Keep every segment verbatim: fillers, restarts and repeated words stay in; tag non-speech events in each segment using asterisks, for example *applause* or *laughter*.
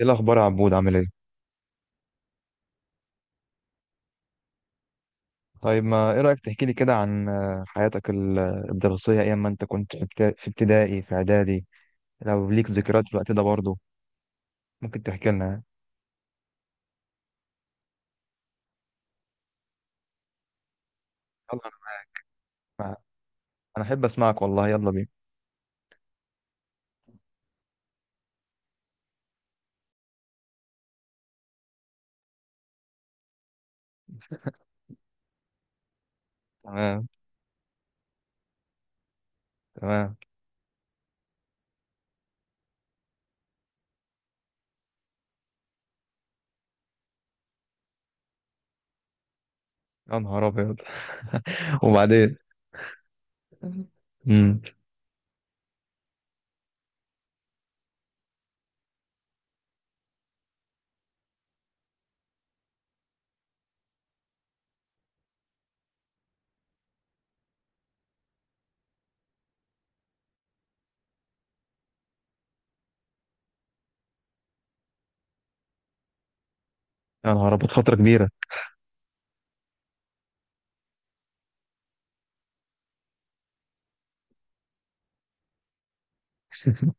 ايه الاخبار يا عبود، عامل ايه؟ طيب، ما ايه رايك تحكي لي كده عن آه، حياتك ال- الدراسيه، ايام ما انت كنت في ابت- في ابتدائي في اعدادي. لو ليك ذكريات في الوقت ده برضه، ممكن تحكي لنا. يلا. انا أنا احب اسمعك والله، يلا بينا. تمام، تمام. يا نهار ابيض! *laughs* وبعدين؟ امم. يا نهار ابيض، فتره كبيره. *laughs*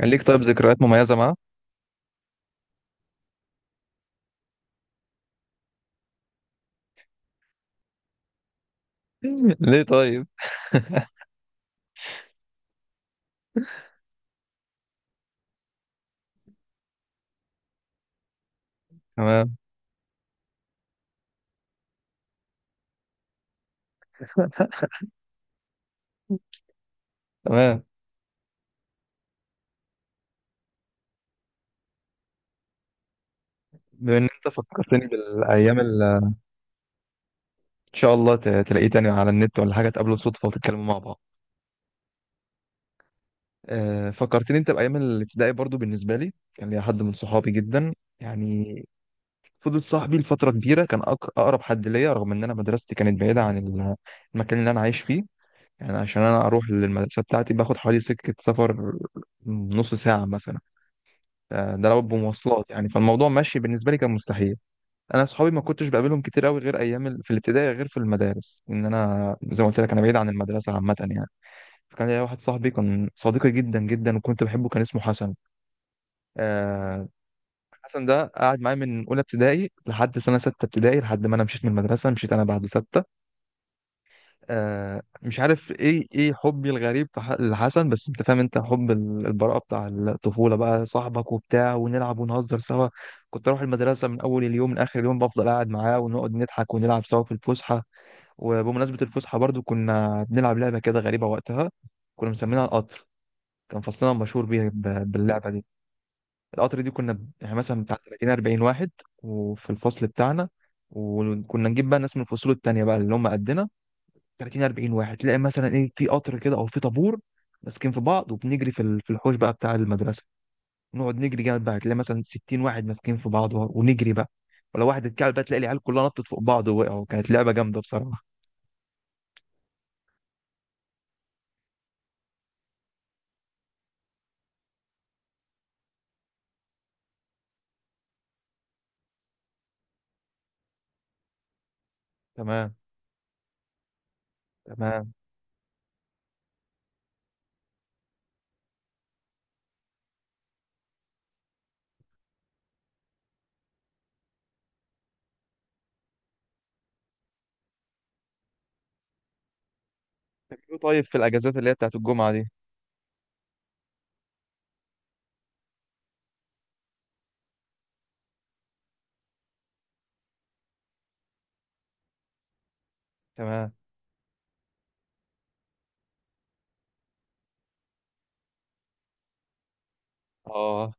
كان ليك طيب ذكريات مميزه معاه؟ *laughs* ليه طيب؟ تمام، تمام. بما ان انت فكرتني بالايام اللي. ان شاء الله ت- تلاقيه تاني على النت، ولا حاجه تقابله صدفه وتتكلموا مع بعض. آه، فكرتني انت بايام الابتدائي برضو. بالنسبه لي كان ليا حد من صحابي جدا، يعني فضل صاحبي لفتره كبيره، كان أق- اقرب حد ليا، رغم ان انا مدرستي كانت بعيده عن ال- المكان اللي انا عايش فيه. يعني عشان انا اروح للمدرسه بتاعتي باخد حوالي سكه سفر، نص ساعه مثلا. آه، ده لو بمواصلات يعني، فالموضوع ماشي. بالنسبه لي كان مستحيل. انا صحابي ما كنتش بقابلهم كتير قوي غير ايام ال- في الابتدائي، غير في المدارس. ان انا زي ما قلت لك انا بعيد عن المدرسه عامه يعني. كان ليا واحد صاحبي كان صديقي جدا جدا، وكنت بحبه. كان اسمه حسن. آه، حسن ده قعد معايا من اولى ابتدائي لحد سنه سته ابتدائي، لحد ما انا مشيت من المدرسه. مشيت انا بعد سته. آه، مش عارف ايه ايه حبي الغريب في ح- لحسن، بس انت فاهم، انت حب ال- البراءه بتاع الطفوله بقى، صاحبك وبتاع ونلعب ونهزر سوا. كنت اروح المدرسه من اول اليوم لاخر اليوم بفضل قاعد معاه، ونقعد نضحك ونلعب سوا في الفسحه. وبمناسبه الفسحه برضو، كنا بنلعب لعبه كده غريبه وقتها. كنا مسمينها القطر. كان فصلنا مشهور بيه ب- باللعبه دي. القطر دي كنا ب- يعني مثلا بتاع ثلاتين اربعين واحد وفي الفصل بتاعنا. وكنا نجيب بقى ناس من الفصول التانية بقى اللي هم قدنا، ثلاتين اربعين واحد، تلاقي مثلا ايه في قطر كده او في طابور، ماسكين في بعض وبنجري في ال- في الحوش بقى بتاع المدرسة. نقعد نجري جامد بقى، تلاقي مثلا ستين واحد ماسكين في بعض و- ونجري بقى. ولو واحد اتكعبل بقى تلاقي العيال كلها نطت فوق بعض ووقعوا. كانت لعبة جامدة بصراحة. تمام، تمام. تفكروا طيب في الاجازات اللي هي بتاعت الجمعة دي؟ تمام. اه،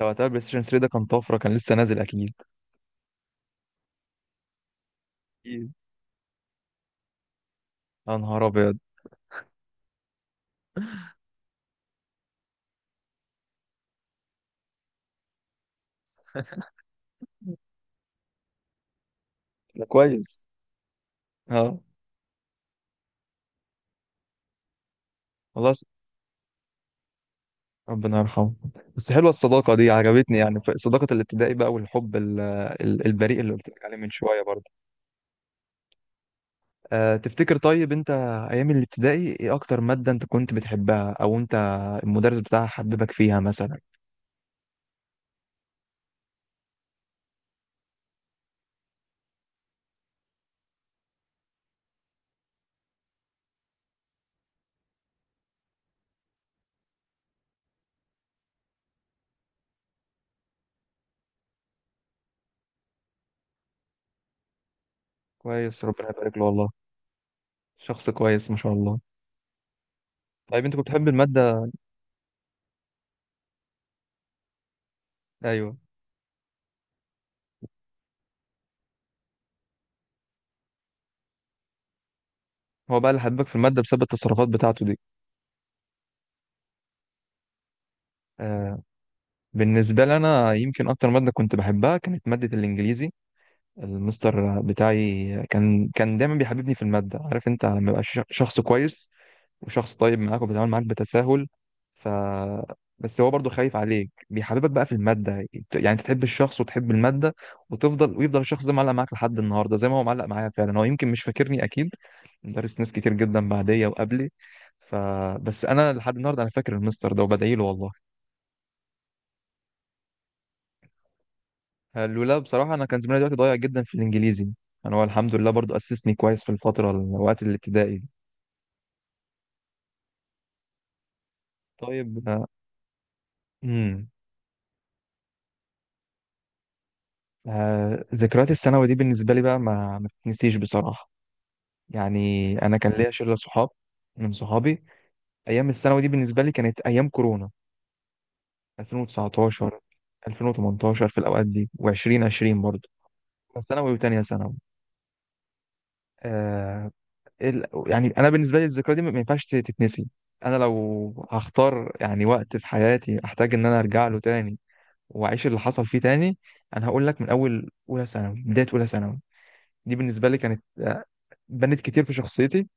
ده وقتها البلاي ستيشن تلاتة ده كان طفرة، كان لسه نازل اكيد. أكيد. يا نهار ابيض! ده كويس. اه والله س- ربنا يرحمه. بس حلوه الصداقه دي، عجبتني يعني، ف- صداقه الابتدائي بقى، والحب ال- ال- البريء اللي قلت لك عليه من شويه برضه. أه، تفتكر طيب انت ايام الابتدائي ايه اكتر ماده انت كنت بتحبها، او انت المدرس بتاعها حببك فيها مثلا؟ كويس، ربنا يبارك له والله. شخص كويس ما شاء الله. طيب، انت كنت بتحب الماده؟ ايوه. هو بقى اللي حببك في الماده بسبب التصرفات بتاعته دي؟ أه. بالنسبه لي انا يمكن اكتر ماده كنت بحبها كانت ماده الانجليزي. المستر بتاعي كان كان دايما بيحببني في المادة. عارف انت لما يبقى ش- شخص كويس، وشخص طيب معاك وبيتعامل معاك بتساهل. ف، بس هو برضه خايف عليك، بيحببك بقى في المادة. يعني انت تحب الشخص وتحب المادة. وتفضل، ويفضل الشخص ده معلق معاك لحد النهاردة، زي ما هو معلق معايا فعلا. هو يمكن مش فاكرني اكيد، درس ناس كتير جدا بعديا وقبلي. ف، بس انا لحد النهارده انا فاكر المستر ده وبدعي له والله. قالوا لا، بصراحة أنا كان زماني دلوقتي ضايع جدا في الإنجليزي. أنا هو الحمد لله برضو أسسني كويس في الفترة الوقت الابتدائي دي. طيب، آه، أمم آه، ذكريات الثانوي دي بالنسبة لي بقى ما ما تتنسيش بصراحة. يعني، أنا كان ليا شلة صحاب من صحابي. أيام الثانوي دي بالنسبة لي كانت أيام كورونا، ألفين وتسعة عشر، ألفين وتمنتاشر في الأوقات دي، و2020 برضو، ثانوي وتانية ثانوي. آه، ال- يعني انا بالنسبه لي الذكرى دي ما ينفعش تتنسي. انا لو هختار يعني وقت في حياتي احتاج ان انا ارجع له تاني واعيش اللي حصل فيه تاني، انا هقول لك من اول اولى ثانوي، بدايه اولى ثانوي. دي بالنسبه لي كانت، آه، بنت كتير في شخصيتي.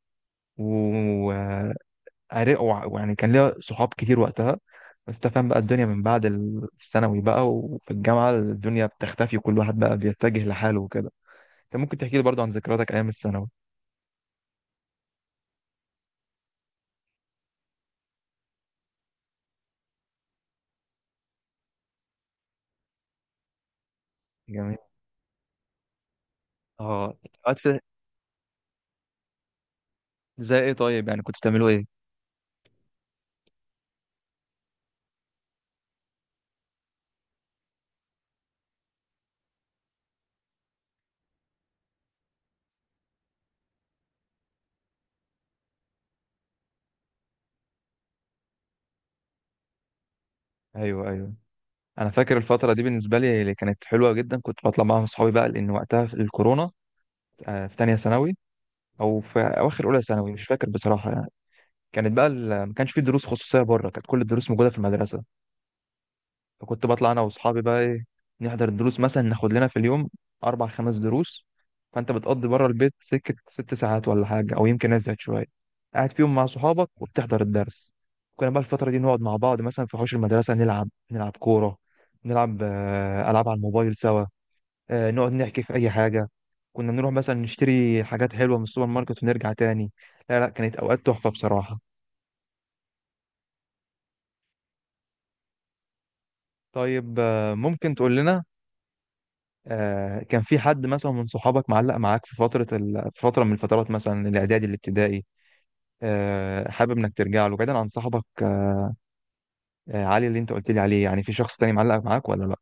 ويعني كان ليا صحاب كتير وقتها. بس تفهم بقى الدنيا من بعد الثانوي بقى، وفي الجامعه الدنيا بتختفي، وكل واحد بقى بيتجه لحاله وكده. انت ممكن تحكي لي برضو عن ذكرياتك ايام الثانوي؟ جميل. اه. الوقت. زي ايه طيب، يعني كنتوا بتعملوا ايه؟ ايوه، ايوه. انا فاكر الفتره دي بالنسبه لي اللي كانت حلوه جدا، كنت بطلع معاهم اصحابي بقى لان وقتها في الكورونا، آه، في تانية ثانوي او في اواخر اولى ثانوي، مش فاكر بصراحه يعني. كانت بقى ال- ما كانش في دروس خصوصيه بره، كانت كل الدروس موجوده في المدرسه. فكنت بطلع انا واصحابي بقى ايه، نحضر الدروس، مثلا ناخد لنا في اليوم اربع خمس دروس. فانت بتقضي بره البيت سكه ست ساعات ولا حاجه، او يمكن ازيد شويه، قاعد فيهم مع صحابك وبتحضر الدرس. كنا بقى الفتره دي نقعد مع بعض مثلا في حوش المدرسه، نلعب نلعب كوره، نلعب آه، العاب على الموبايل سوا، آه، نقعد نحكي في اي حاجه. كنا نروح مثلا نشتري حاجات حلوه من السوبر ماركت ونرجع تاني. لا، لا، كانت اوقات تحفه بصراحه. طيب، آه، ممكن تقول لنا آه، كان في حد مثلا من صحابك معلق معاك في فترة ال... في فترة من الفترات، مثلا الإعدادي الابتدائي، آه، حابب إنك ترجع له بعيدا عن صاحبك، آه، علي اللي أنت قلت لي عليه، يعني في شخص تاني معلق معاك ولا لأ؟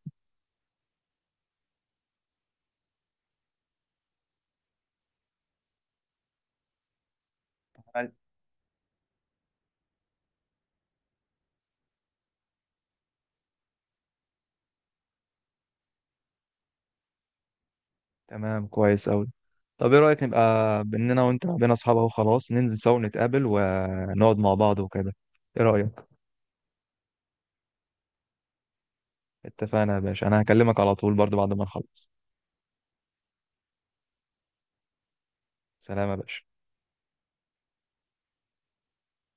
علي. تمام، كويس أوي. طب إيه رأيك نبقى، بإننا وأنت بقينا أصحاب أهو، خلاص ننزل سوا نتقابل ونقعد مع بعض وكده، إيه رأيك؟ اتفقنا يا باشا، أنا هكلمك على طول برضو بعد ما نخلص. سلام يا باشا.